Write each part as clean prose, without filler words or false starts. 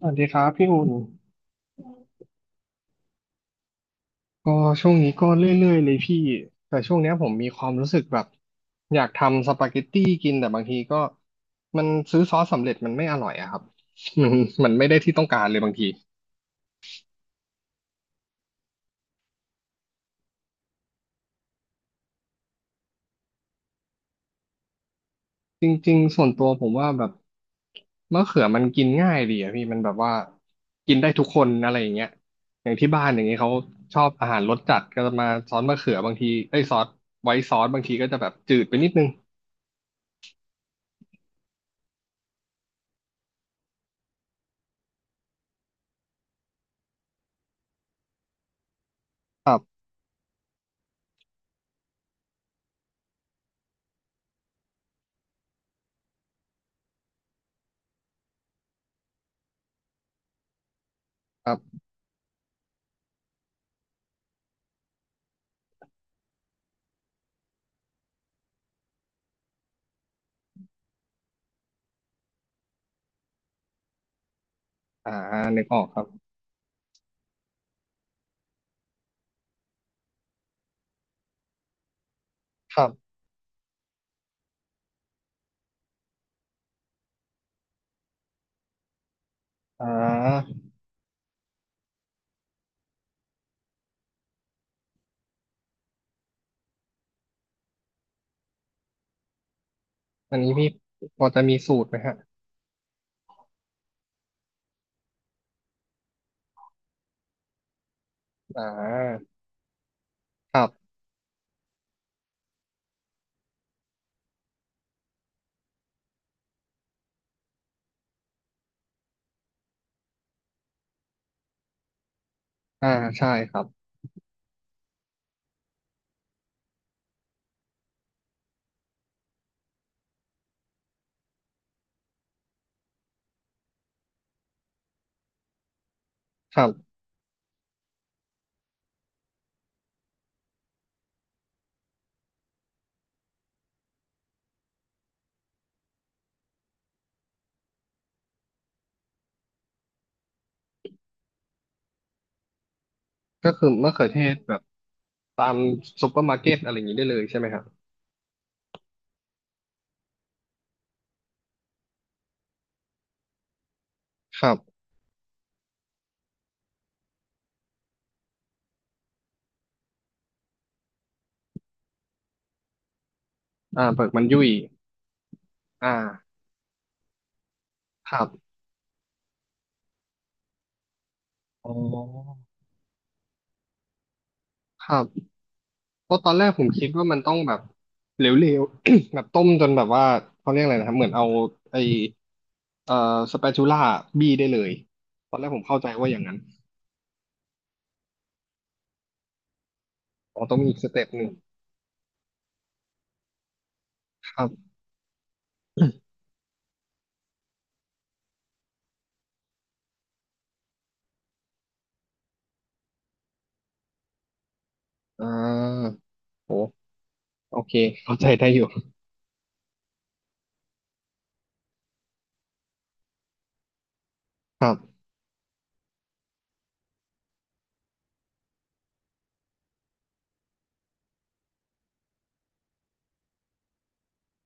สวัสดีครับพี่อุ่นก็ช่วงนี้ก็เรื่อยๆเลยพี่แต่ช่วงเนี้ยผมมีความรู้สึกแบบอยากทำสปาเกตตี้กินแต่บางทีก็มันซื้อซอสสำเร็จมันไม่อร่อยอะครับ มันมันไม่ได้ที่ต้องการเลยบางทีจริงๆส่วนตัวผมว่าแบบมะเขือมันกินง่ายดีอะพี่มันแบบว่ากินได้ทุกคนอะไรอย่างเงี้ยอย่างที่บ้านอย่างเงี้ยเขาชอบอาหารรสจัดก็จะมาซอสมะเขือบางทีเอ้ยซอสไว้ซอสบางทีก็จะแบบจืดไปนิดนึงครับครับอ่านึกออกครับ อ่าอันนี้พี่พอจะมีสูตรไหมฮะอ่าครับอ่าใช่ครับครับก็คือมะเขือเทศแบบตามซุปเปอร์มาร์เก็ตอะไรอย่างนี้ได้เลยใช่ไหมครับครับอ่าเปลือกมันยุ่ยอ่าครับอ๋อครับเพราะตอนแรกผมคิดว่ามันต้องแบบเหลวๆ แบบต้มจนแบบว่าเขาเรียกอะไรนะครับเหมือนเอาไอเอ่อสเปชูล่าบี้ได้เลยตอนแรกผมเข้าใจว่าอย่างนั้นอ๋อต้องมีอีกสเต็ปหนึ่งครับ อ่าโห โอเคเข้าใจได้อยู่ครับ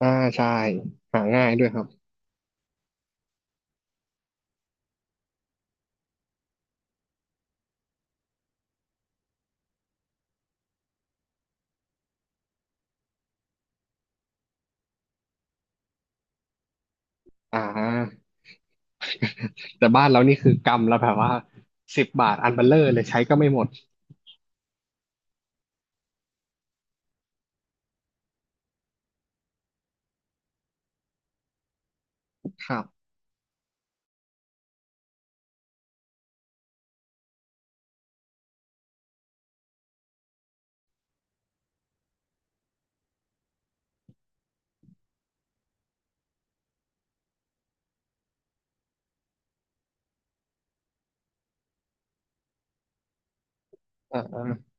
อ่าใช่หาง่ายด้วยครับอ่าแต่บ้านเรานี่คือกำแล้วแบบว่า10 บาทอันเบลเลอร์เลยใช้ก็ไม่หมดครับอ่า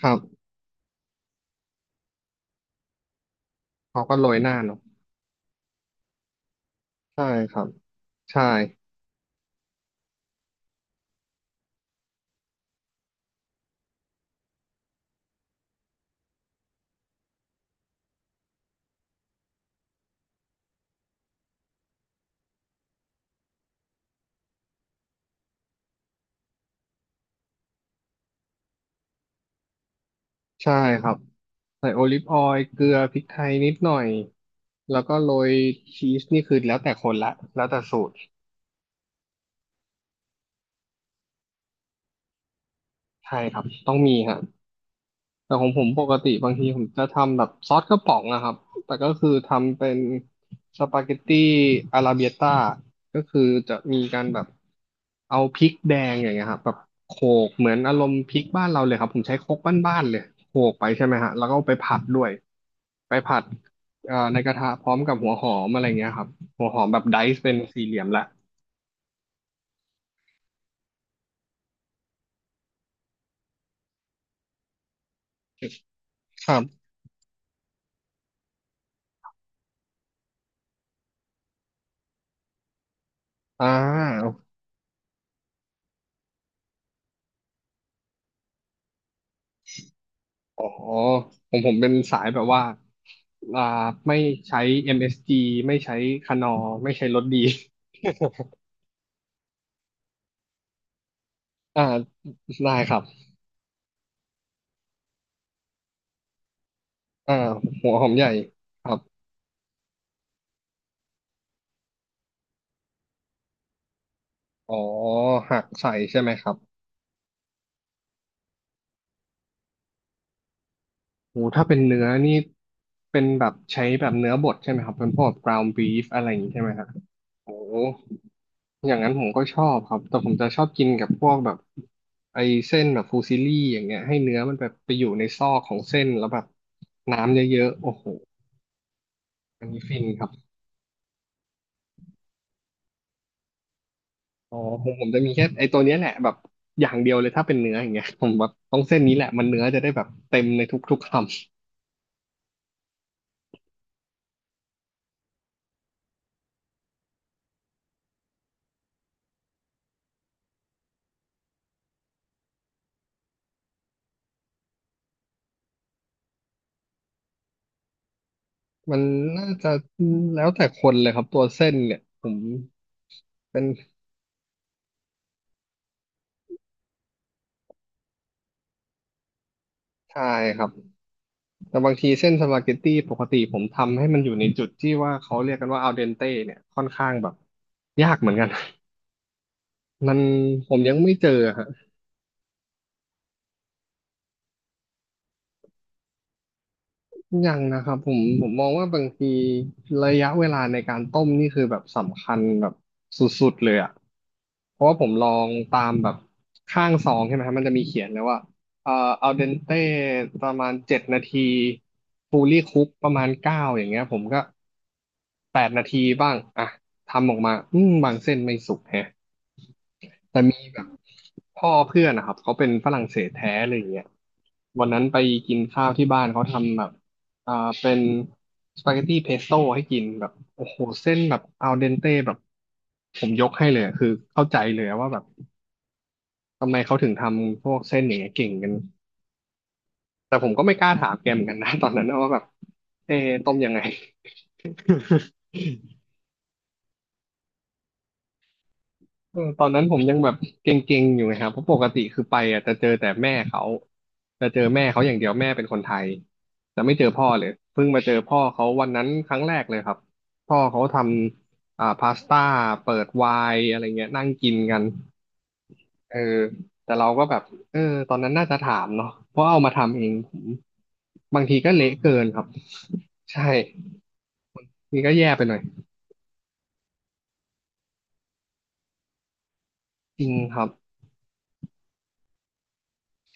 ครับเขาก็โรยหน้าเนาะใช่ครับใช่ใช่ครับใส่โอลิฟออยล์เกลือพริกไทยนิดหน่อยแล้วก็โรยชีสนี่คือแล้วแต่คนละแล้วแต่สูตรใช่ครับต้องมีฮะ แต่ของผมปกติบางทีผมจะทำแบบซอสกระป๋องนะครับแต่ก็คือทำเป็นสปาเกตตี้อาราเบียต้าก็คือจะมีการแบบเอาพริกแดงอย่างเงี้ยครับแบบโขกเหมือนอารมณ์พริกบ้านเราเลยครับผมใช้ครกบ้านๆเลยโขกไปใช่ไหมฮะแล้วก็เอาไปผัดด้วยไปผัดในกระทะพร้อมกับหัวหอมอะไรเงี้ยครับหัวหอมแบบไดซ์เป็นสี่เหลี่ยมละครับอ่า อ๋อผมเป็นสายแบบว่าอ่าไม่ใช้ MSG ไม่ใช้คานอร์ไม่ใช้รถดีอ่าได้ครับอ่าหัวหอมใหญ่ครับอ๋อหักใส่ใช่ไหมครับโหถ้าเป็นเนื้อนี่เป็นแบบใช้แบบเนื้อบดใช่ไหมครับเป็นพวก ground beef อะไรอย่างนี้ใช่ไหมครับโอ้อย่างนั้นผมก็ชอบครับแต่ผมจะชอบกินกับพวกแบบไอ้เส้นแบบฟูซิลลี่อย่างเงี้ยให้เนื้อมันแบบไปอยู่ในซอกของเส้นแล้วแบบน้ำเยอะๆโอ้โห อันนี้ฟินครับอ๋อผมจะมีแค่ไอ้ตัวเนี้ยแหละแบบอย่างเดียวเลยถ้าเป็นเนื้ออย่างเงี้ยผมแบบต้องเส้นนี้แหละมันเนื้อจะได้แบบเต็มในทุกๆคำมันน่าจะแล้วแต่คนเลยครับตัวเส้นเนี่ยผมเป็นชายครับแต่บางทีเส้นสปาเกตตี้ปกติผมทำให้มันอยู่ในจุดที่ว่าเขาเรียกกันว่าอัลเดนเต้เนี่ยค่อนข้างแบบยากเหมือนกันมันผมยังไม่เจอฮะ ยังนะครับผมมองว่าบางทีระยะเวลาในการต้มนี่คือแบบสำคัญแบบสุดๆเลยอ่ะเพราะว่าผมลองตามแบบข้างซองใช่ไหมครับมันจะมีเขียนเลยว่าเอ่ออัลเดนเต้ประมาณ7 นาทีฟูลี่คุกประมาณ 9อย่างเงี้ยผมก็8 นาทีบ้างอ่ะทำออกมาอืมบางเส้นไม่สุกแฮะแต่มีแบบ พ่อเพื่อนนะครับเขาเป็นฝรั่งเศสแท้เลยอย่างเงี้ยวันนั้นไปกินข้าวที่บ้านเขาทำแบบอ่าเป็นสปาเกตตี้เพสโต้ให้กินแบบโอ้โหเส้นแบบอัลเดนเต้แบบผมยกให้เลยอะคือเข้าใจเลยว่าแบบทำไมเขาถึงทำพวกเส้นอย่างเงี้ยเก่งกันแต่ผมก็ไม่กล้าถามแกเหมือนกันนะตอนนั้นนะว่าแบบเอะต้มยังไง เออตอนนั้นผมยังแบบเก่งๆอยู่ไงครับเพราะปกติคือไปอ่ะจะเจอแต่แม่เขาจะเจอแม่เขาอย่างเดียวแม่เป็นคนไทยจะไม่เจอพ่อเลยเพิ่งมาเจอพ่อเขาวันนั้นครั้งแรกเลยครับพ่อเขาทำพาสต้าเปิดไวน์อะไรเงี้ยนั่งกินกันเออแต่เราก็แบบเออตอนนั้นน่าจะถามเนาะเพราะเอามาทำเองผมบางทีก็เละเกินครับใช่นี่ก็แย่ไปหน่อยจริงครับ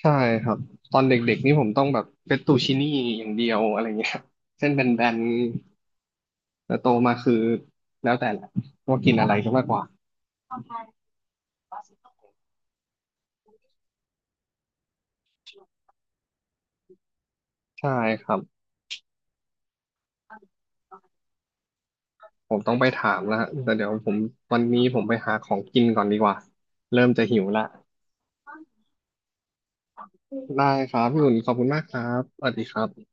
ใช่ครับตอนเด็กๆนี่ผมต้องแบบเฟตตูชินี่อย่างเดียวอะไรเงี้ยเส้นแบนๆแต่โตมาคือแล้วแต่แหละว่ากินอะไรก็มากกว่าใช่ครับผมต้องไปถามแล้วฮะแต่เดี๋ยวผมวันนี้ผมไปหาของกินก่อนดีกว่าเริ่มจะหิวละได้ครับพี่อุ่นขอบคุณมากครับสวัสดีครับ